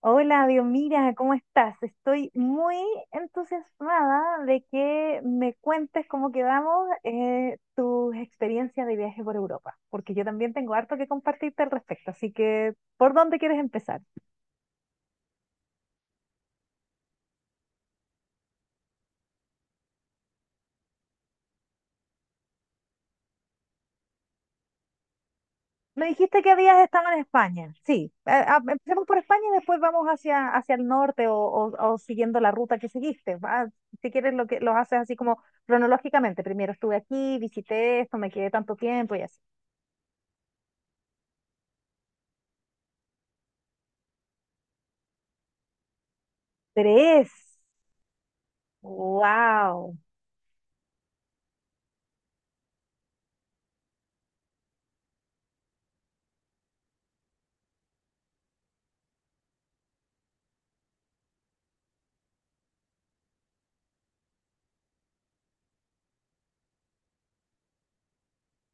Hola, Dios, mira, ¿cómo estás? Estoy muy entusiasmada de que me cuentes cómo quedamos tus experiencias de viaje por Europa, porque yo también tengo harto que compartirte al respecto, así que, ¿por dónde quieres empezar? Me dijiste que habías estado en España, sí, empecemos por España y después vamos hacia el norte o siguiendo la ruta que seguiste. Si quieres, lo que los haces así como cronológicamente, primero estuve aquí, visité esto, me quedé tanto tiempo y así. Tres. Wow,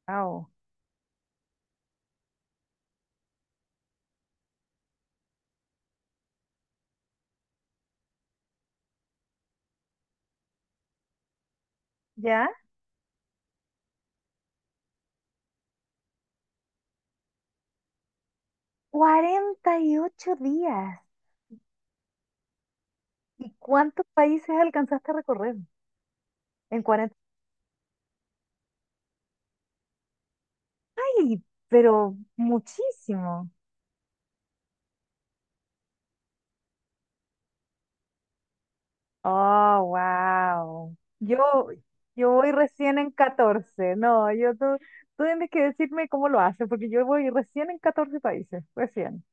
wow. ¿Ya? 48 días. ¿Y cuántos países alcanzaste a recorrer? ¿En 40? ¡Ay! Pero muchísimo. Oh, wow. Yo voy recién en 14. No, tú tienes que decirme cómo lo haces, porque yo voy recién en 14 países, recién.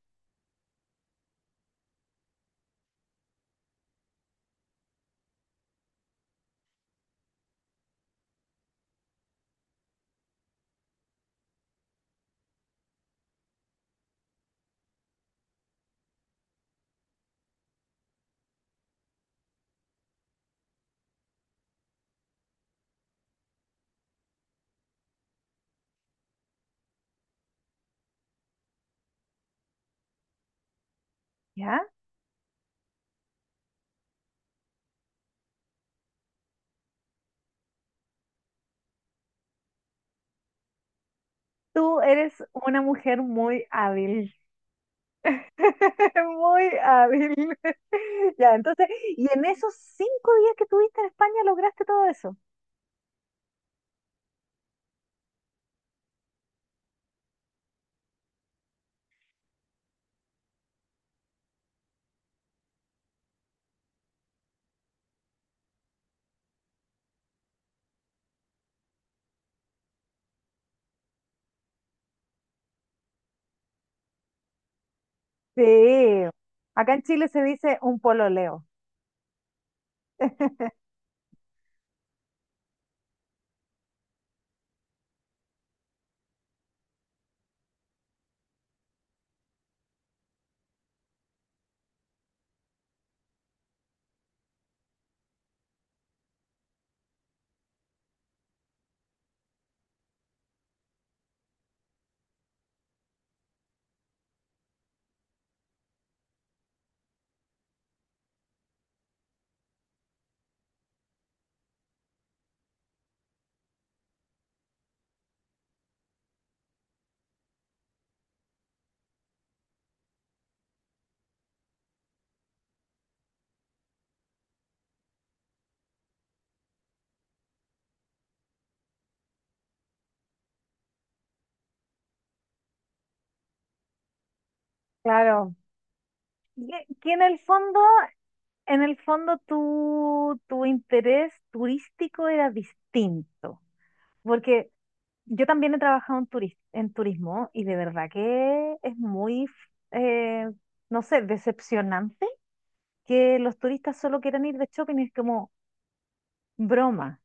¿Ya? Tú eres una mujer muy hábil. Muy hábil. Ya, entonces, y en esos 5 días que tuviste en España lograste todo eso. Sí. Acá en Chile se dice un pololeo. Claro. Que en el fondo tu interés turístico era distinto. Porque yo también he trabajado en turismo y de verdad que es muy, eh, no sé, decepcionante que los turistas solo quieran ir de shopping. Es como broma.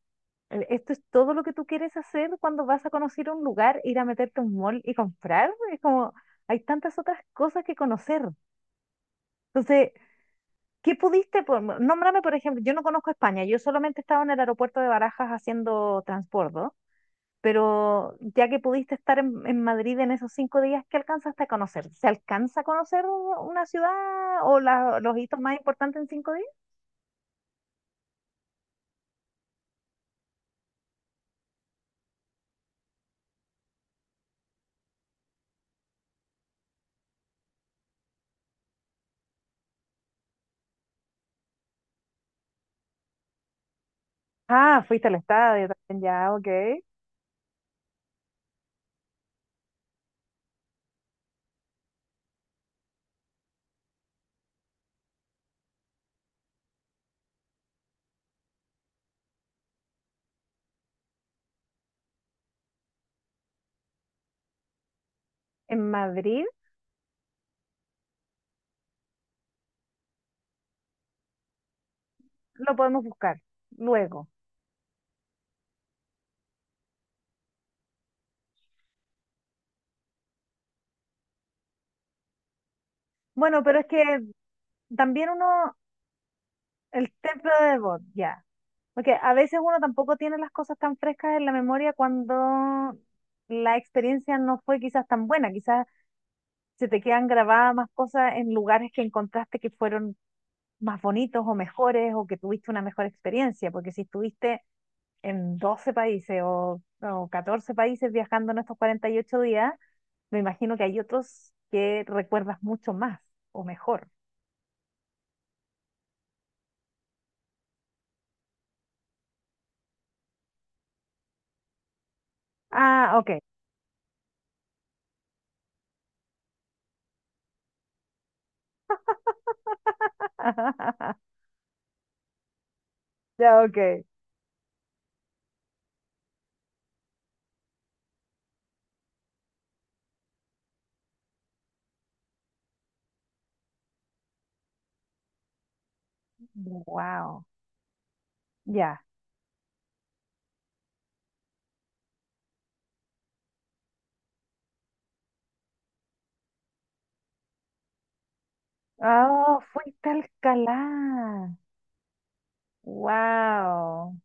Esto es todo lo que tú quieres hacer cuando vas a conocer un lugar, ir a meterte a un mall y comprar. Es como, hay tantas otras cosas que conocer. Entonces, ¿qué pudiste? Nómbrame, por ejemplo, yo no conozco España, yo solamente estaba en el aeropuerto de Barajas haciendo transbordo, pero ya que pudiste estar en Madrid en esos cinco días, ¿qué alcanzaste a conocer? ¿Se alcanza a conocer una ciudad o los hitos más importantes en 5 días? Ah, fuiste al estadio también, ya, ok. En Madrid lo podemos buscar luego. Bueno, pero es que también uno, el templo de Debod, ya. Porque a veces uno tampoco tiene las cosas tan frescas en la memoria cuando la experiencia no fue quizás tan buena. Quizás se te quedan grabadas más cosas en lugares que encontraste que fueron más bonitos o mejores o que tuviste una mejor experiencia. Porque si estuviste en 12 países o 14 países viajando en estos 48 días, me imagino que hay otros que recuerdas mucho más o mejor. Ah, ok. Ya, ok. Wow. Ya. Ah, fuiste a Alcalá. Wow.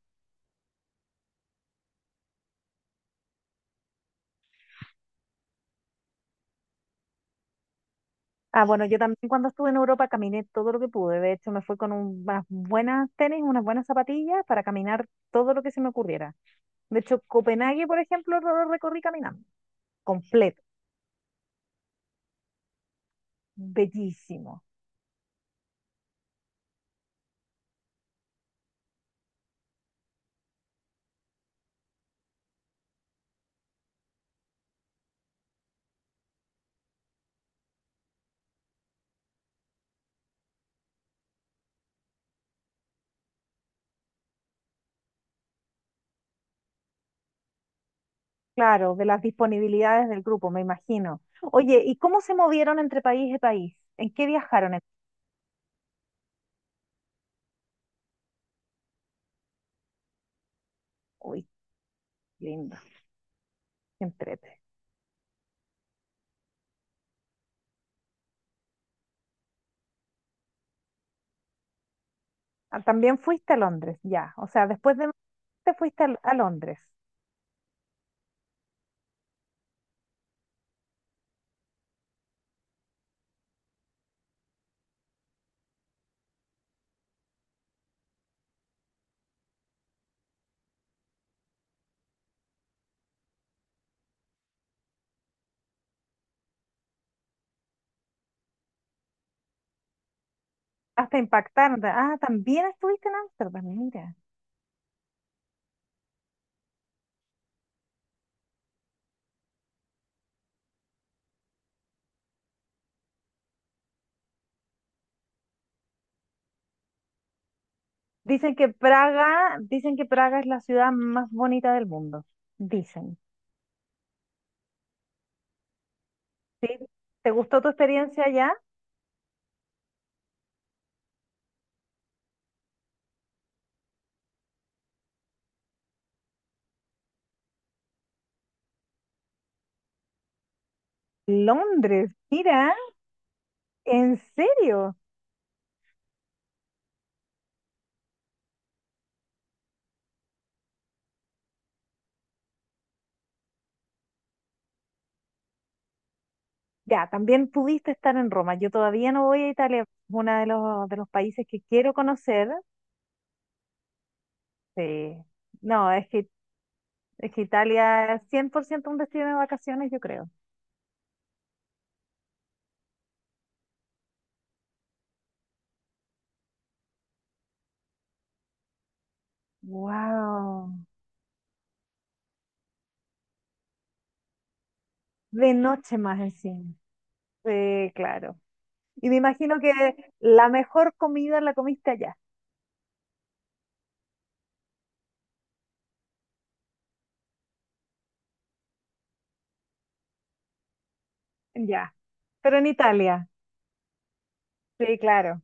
Ah, bueno, yo también cuando estuve en Europa caminé todo lo que pude. De hecho, me fui con unas buenas tenis, unas buenas zapatillas para caminar todo lo que se me ocurriera. De hecho, Copenhague, por ejemplo, lo recorrí caminando, completo, bellísimo. Claro, de las disponibilidades del grupo, me imagino. Oye, ¿y cómo se movieron entre país y país? ¿En qué viajaron? Uy, qué lindo, qué entrete. Ah, también fuiste a Londres, ya. O sea, después de te fuiste a Londres. Hasta impactarte. Ah, también estuviste en Ámsterdam, mira. Dicen que Praga es la ciudad más bonita del mundo. Dicen. ¿Sí? ¿Te gustó tu experiencia allá? Londres, mira, ¿en serio? Ya, también pudiste estar en Roma. Yo todavía no voy a Italia, es uno de los países que quiero conocer. Sí. No, es que Italia es 100% un destino de vacaciones, yo creo. Wow, de noche más encima. Sí, claro. Y me imagino que la mejor comida la comiste allá. Ya. Pero en Italia. Sí, claro.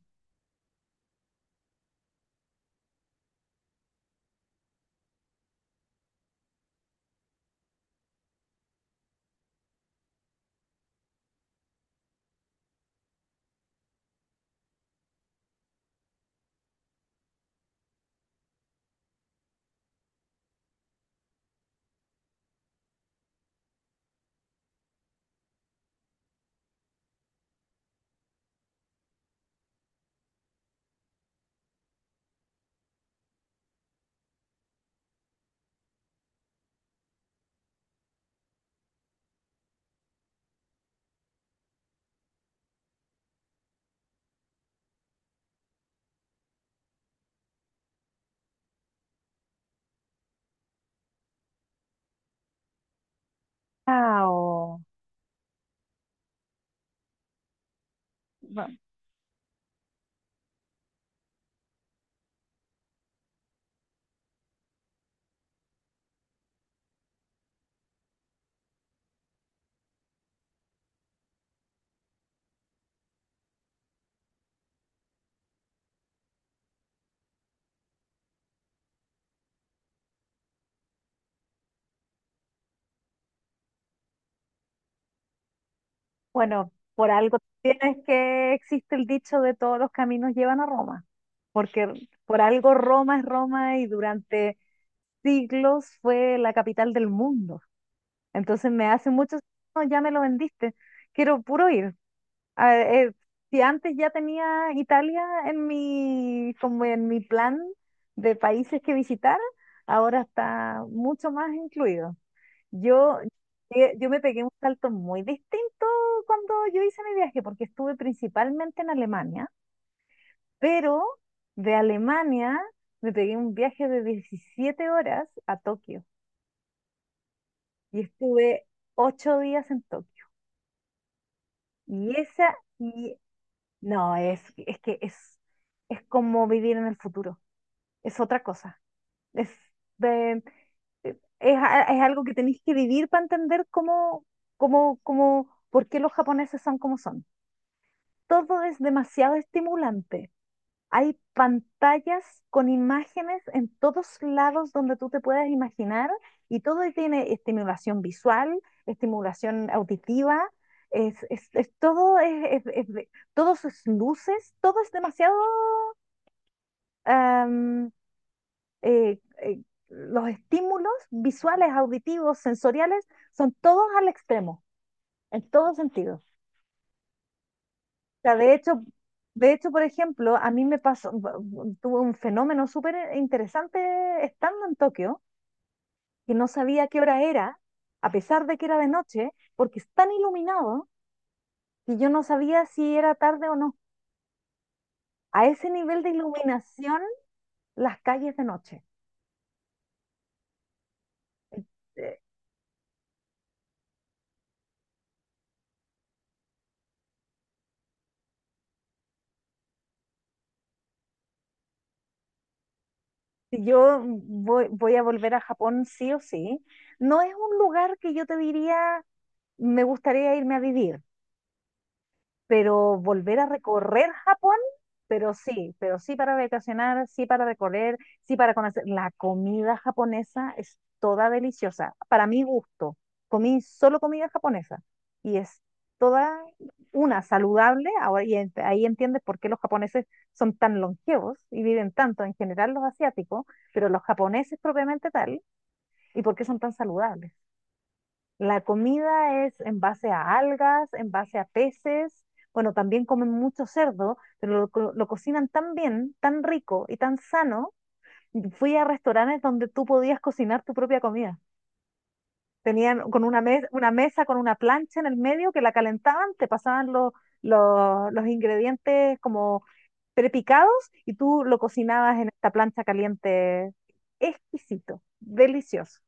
Wow. Bu- Bueno, por algo tienes que existe el dicho de todos los caminos llevan a Roma, porque por algo Roma es Roma y durante siglos fue la capital del mundo. Entonces me hace mucho, no, ya me lo vendiste. Quiero puro ir. a- eh, si antes ya tenía Italia en mi, como en mi plan de países que visitar, ahora está mucho más incluido. Yo, yo me pegué un salto muy distinto cuando yo hice mi viaje, porque estuve principalmente en Alemania, pero de Alemania me pegué un viaje de 17 horas a Tokio y estuve 8 días en Tokio. Y esa, y No, es como vivir en el futuro. Es otra cosa. Es, de- es, a- es algo que tenéis que vivir para entender por qué los japoneses son como son. Todo es demasiado estimulante. Hay pantallas con imágenes en todos lados donde tú te puedas imaginar y todo tiene estimulación visual, estimulación auditiva. Es- todo es de- todos es luces, todo es demasiado am, eh, eh, los estímulos visuales, auditivos, sensoriales, son todos al extremo, en todo sentido. O sea, de hecho, por ejemplo, a mí me pasó, tuve un fenómeno súper interesante estando en Tokio, que no sabía qué hora era, a pesar de que era de noche, porque es tan iluminado que yo no sabía si era tarde o no. A ese nivel de iluminación, las calles de noche. Eh, si Yo voy a volver a Japón sí o sí. No es un lugar que yo te diría, me gustaría irme a vivir pero volver a recorrer Japón, pero sí para vacacionar, sí para recorrer, sí para conocer. La comida japonesa es toda deliciosa, para mi gusto. Comí solo comida japonesa y es toda una saludable. Ahora ahí entiendes por qué los japoneses son tan longevos y viven tanto en general los asiáticos, pero los japoneses propiamente tal y por qué son tan saludables. La comida es en base a algas, en base a peces. Bueno, también comen mucho cerdo, pero lo cocinan tan bien, tan rico y tan sano. Fui a restaurantes donde tú podías cocinar tu propia comida. Tenían con una mesa con una plancha en el medio que la calentaban, te pasaban los ingredientes como prepicados y tú lo cocinabas en esta plancha caliente. Exquisito, delicioso.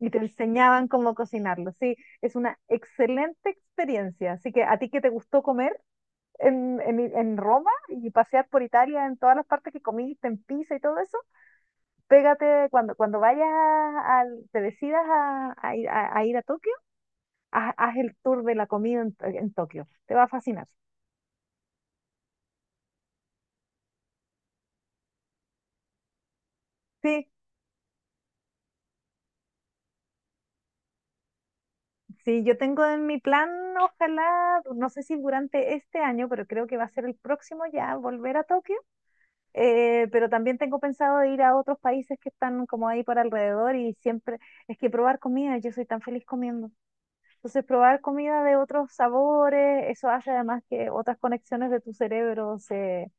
Y te enseñaban cómo cocinarlo. Sí, es una excelente experiencia. Así que a ti que te gustó comer en Roma y pasear por Italia en todas las partes que comiste, en Pisa y todo eso, pégate cuando, cuando vayas, te decidas a ir a Tokio, haz el tour de la comida en Tokio. Te va a fascinar. Sí, sí, yo tengo en mi plan, ojalá, no sé si durante este año, pero creo que va a ser el próximo ya, volver a Tokio. Pero también tengo pensado de ir a otros países que están como ahí por alrededor y siempre es que probar comida, yo soy tan feliz comiendo. Entonces, probar comida de otros sabores, eso hace además que otras conexiones de tu cerebro se,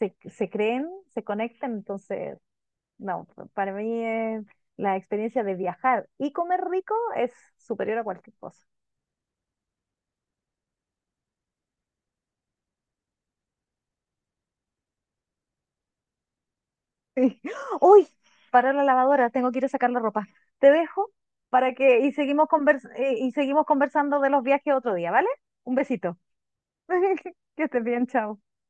se, se creen, se conecten. Entonces, no, para mí la experiencia de viajar y comer rico es superior a cualquier cosa. Sí. Uy, para la lavadora, tengo que ir a sacar la ropa. Te dejo para que y seguimos y seguimos conversando de los viajes otro día, ¿vale? Un besito. Que estés bien, chao.